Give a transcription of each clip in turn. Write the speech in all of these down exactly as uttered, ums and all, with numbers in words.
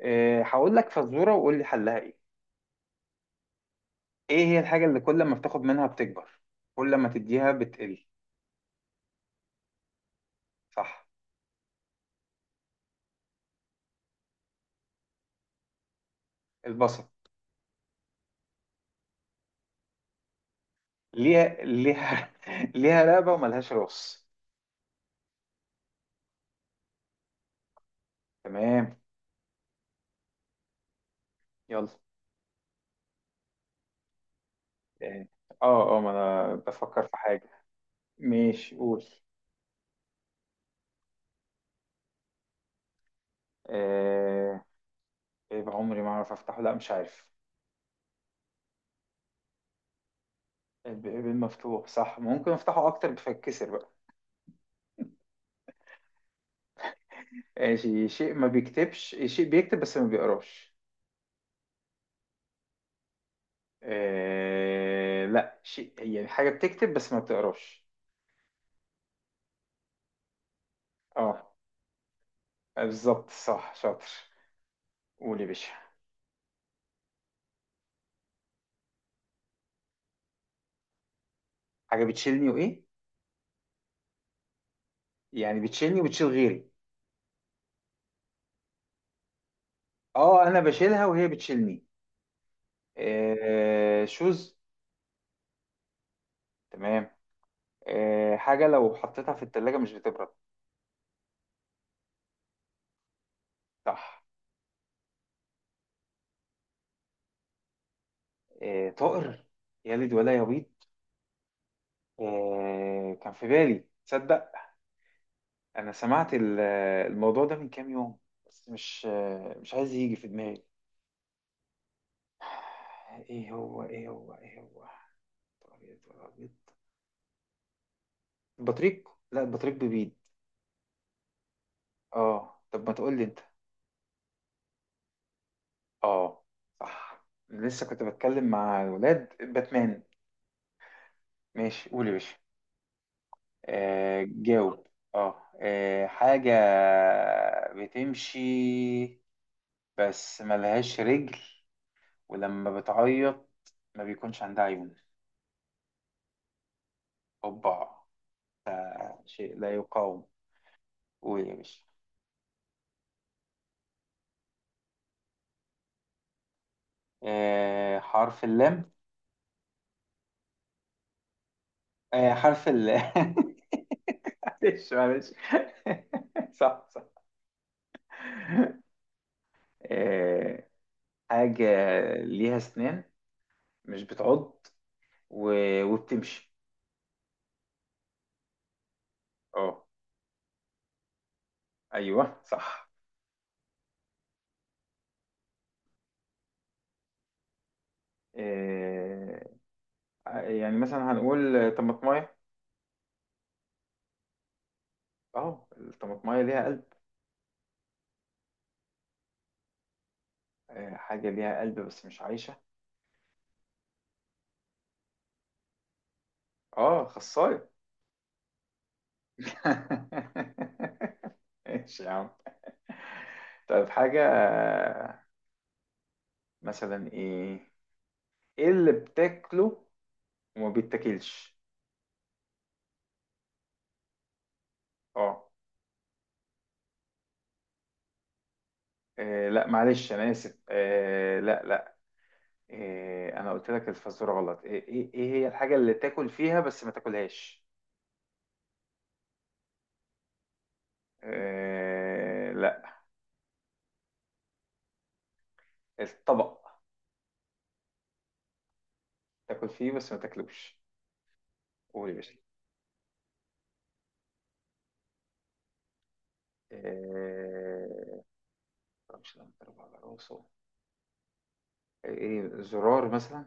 إيه، هقول لك فزورة وقول لي حلها ايه. ايه هي الحاجة اللي كل ما بتاخد منها بتكبر، كل ما تديها بتقل؟ صح. البصل. ليها ليها ليها رقبة وملهاش راس. تمام. يلا. إيه، اه اه ما انا بفكر في حاجة. ماشي قول. ايه؟ إيه بعمري ما اعرف افتحه؟ لا مش عارف. الب- الباب مفتوح صح، ممكن افتحه اكتر بفكسر بقى. ماشي. شيء ما بيكتبش، شيء بيكتب بس ما بيقراش. آه لا، شيء هي حاجة بتكتب بس ما بتقراش. اه بالظبط، صح، شاطر. قول يا باشا. حاجة بتشيلني وإيه؟ يعني بتشيلني وبتشيل غيري؟ اه أنا بشيلها وهي بتشيلني. آه شوز. تمام. آه حاجة لو حطيتها في التلاجة مش بتبرد. صح. آه طائر يلد ولا يبيض. آه كان في بالي تصدق. أنا سمعت ال- الموضوع ده من كام يوم، بس مش آه مش عايز يجي في دماغي. ايه هو ايه هو ايه هو؟ ابيض ولا ابيض؟ بطريق، لا البطريق ببيض. اه طب ما تقول لي انت. اه صح، لسه كنت بتكلم مع الولاد، باتمان. ماشي قول يا باشا. آه جاوب. اه. آه، حاجة بتمشي بس ملهاش رجل، ولما بتعيط ما بيكونش عندها عيون. اوبا، ده شيء لا يقاوم. قول يا باشا. آه حرف اللام. آه، حرف ال معلش معلش. صح صح. آه، حاجة ليها أسنان مش بتعض و... وبتمشي. اه. أيوه صح. آه، يعني مثلا هنقول طماطماية. اه الطماطماية ليها قلب. آه، حاجة ليها قلب بس مش عايشة. اه خصاية. ماشي يا عم. طيب حاجة آه، مثلا ايه؟ ايه اللي بتاكله وما بيتاكلش؟ اه. آه، لا معلش انا اسف. آه لا لا. آه انا قلت لك الفزوره غلط، ايه ايه إيه هي الحاجه اللي تاكل فيها بس ما تاكلهاش؟ آه لا، الطبق تاكل فيه بس ما تاكلوش. قول يا باشا. آه مش لما تضرب على راسه؟ آه، ايه زرار مثلا؟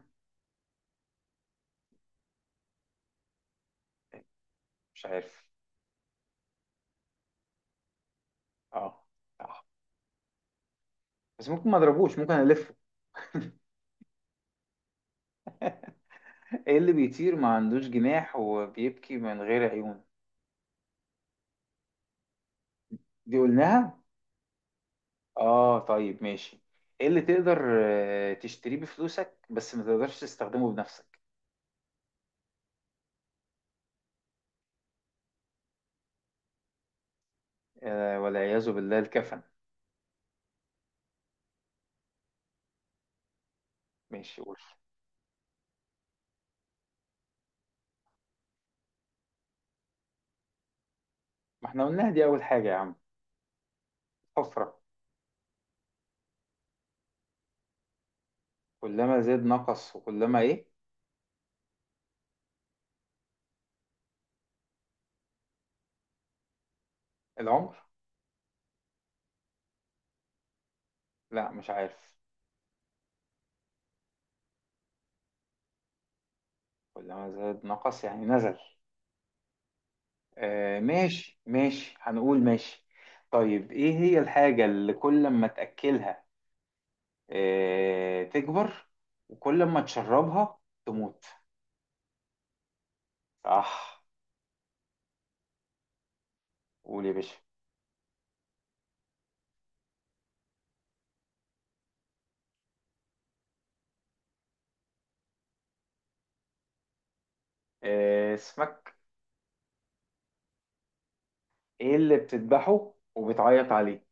آه، مش عارف. اه صح، بس ممكن ما اضربوش، ممكن الفه. ايه اللي بيطير ما عندوش جناح وبيبكي من غير عيون؟ دي قلناها. اه طيب ماشي. ايه اللي تقدر آه، تشتريه بفلوسك بس ما تقدرش تستخدمه بنفسك؟ آه، والعياذ بالله الكفن. ماشي قول. ما احنا قلناها دي اول حاجة يا عم، حفرة. كلما زاد نقص وكلما ايه؟ العمر. لا مش عارف. كلما زاد نقص يعني نزل. آه ماشي ماشي، هنقول ماشي. طيب ايه هي الحاجة اللي كل ما تأكلها آه تكبر وكل ما تشربها تموت؟ صح. قول يا باشا. آه، اسمك. ايه اللي بتذبحه وبتعيط عليه؟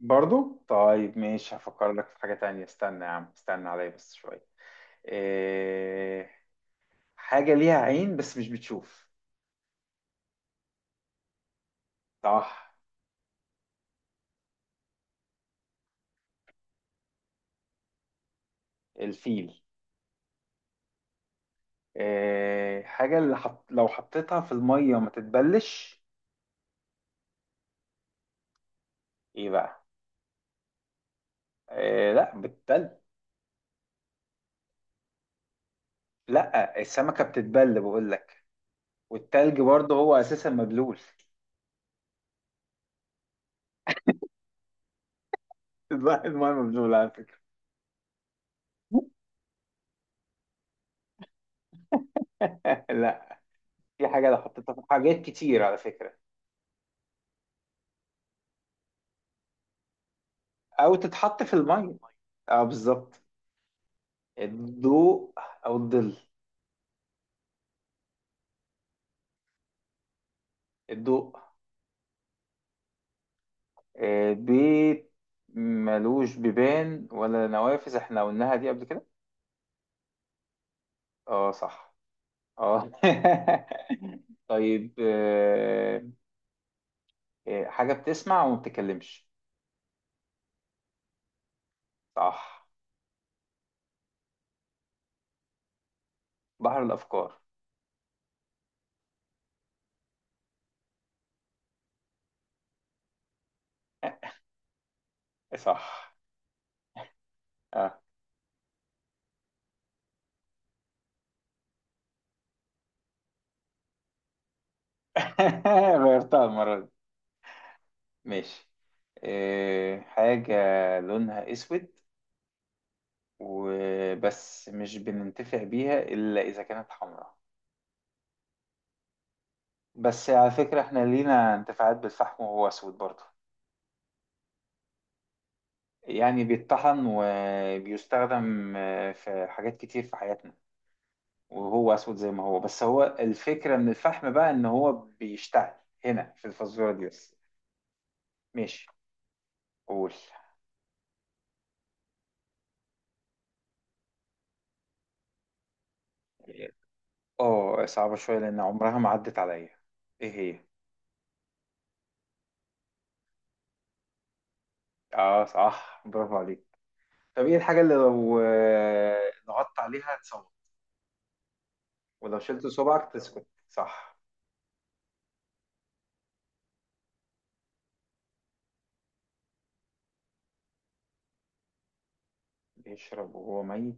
برضو، طيب ماشي، هفكر لك في حاجة تانية، استنى يا عم استنى عليا بس شوية. آه، حاجة ليها عين بس مش بتشوف. صح. الفيل. آه، حاجة اللي حط... لو حطيتها في المية ما تتبلش، ايه بقى؟ آه، لا بتتل. لا السمكة بتتبل بقول لك، والتلج برضه هو اساسا مبلول. الماء مبلول على فكرة. لا، في حاجة لو حطيتها في حاجات كتير على فكرة. أو تتحط في المية. اه بالظبط. الضوء. أو الظل. الضوء. آه، بيت ملوش بيبان ولا نوافذ، احنا قلناها دي قبل كده. اه صح. اه. طيب آه، آه، حاجة بتسمع وما بتتكلمش. صح. بحر الأفكار. صح. اه. غيرتها المرة دي. ماشي. آه، حاجة لونها أسود وبس، مش بننتفع بيها إلا إذا كانت حمراء. بس على فكرة إحنا لينا انتفاعات بالفحم وهو أسود برضه، يعني بيتطحن وبيستخدم آه، في حاجات كتير في حياتنا وهو أسود زي ما هو، بس هو الفكرة من الفحم بقى إن هو بيشتعل. هنا في الفزورة دي بس. ماشي قول. اه صعبة شوية لأن عمرها ما عدت عليا. ايه هي؟ اه صح، برافو عليك. طب ايه الحاجة اللي لو آه، ضغطت عليها ولو شلت صبعك تسكت؟ صح. بيشرب وهو ميت؟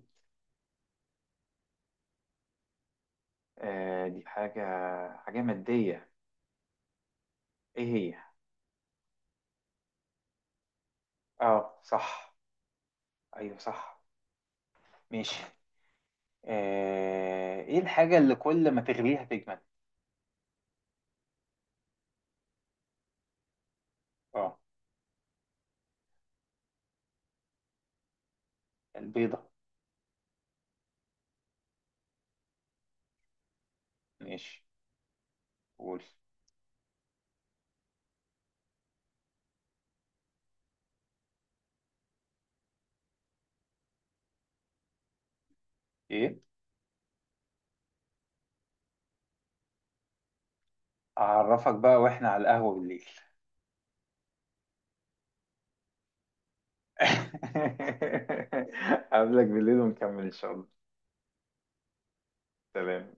آه دي حاجة، حاجة مادية، ايه هي؟ اه صح. ايوه صح. ماشي. آه ايه الحاجة اللي كل ما تغليها تجمد؟ اه البيضة. ماشي قول. ايه؟ اعرفك بقى واحنا على القهوة بالليل. قبلك بالليل ونكمل ان شاء الله. سلام.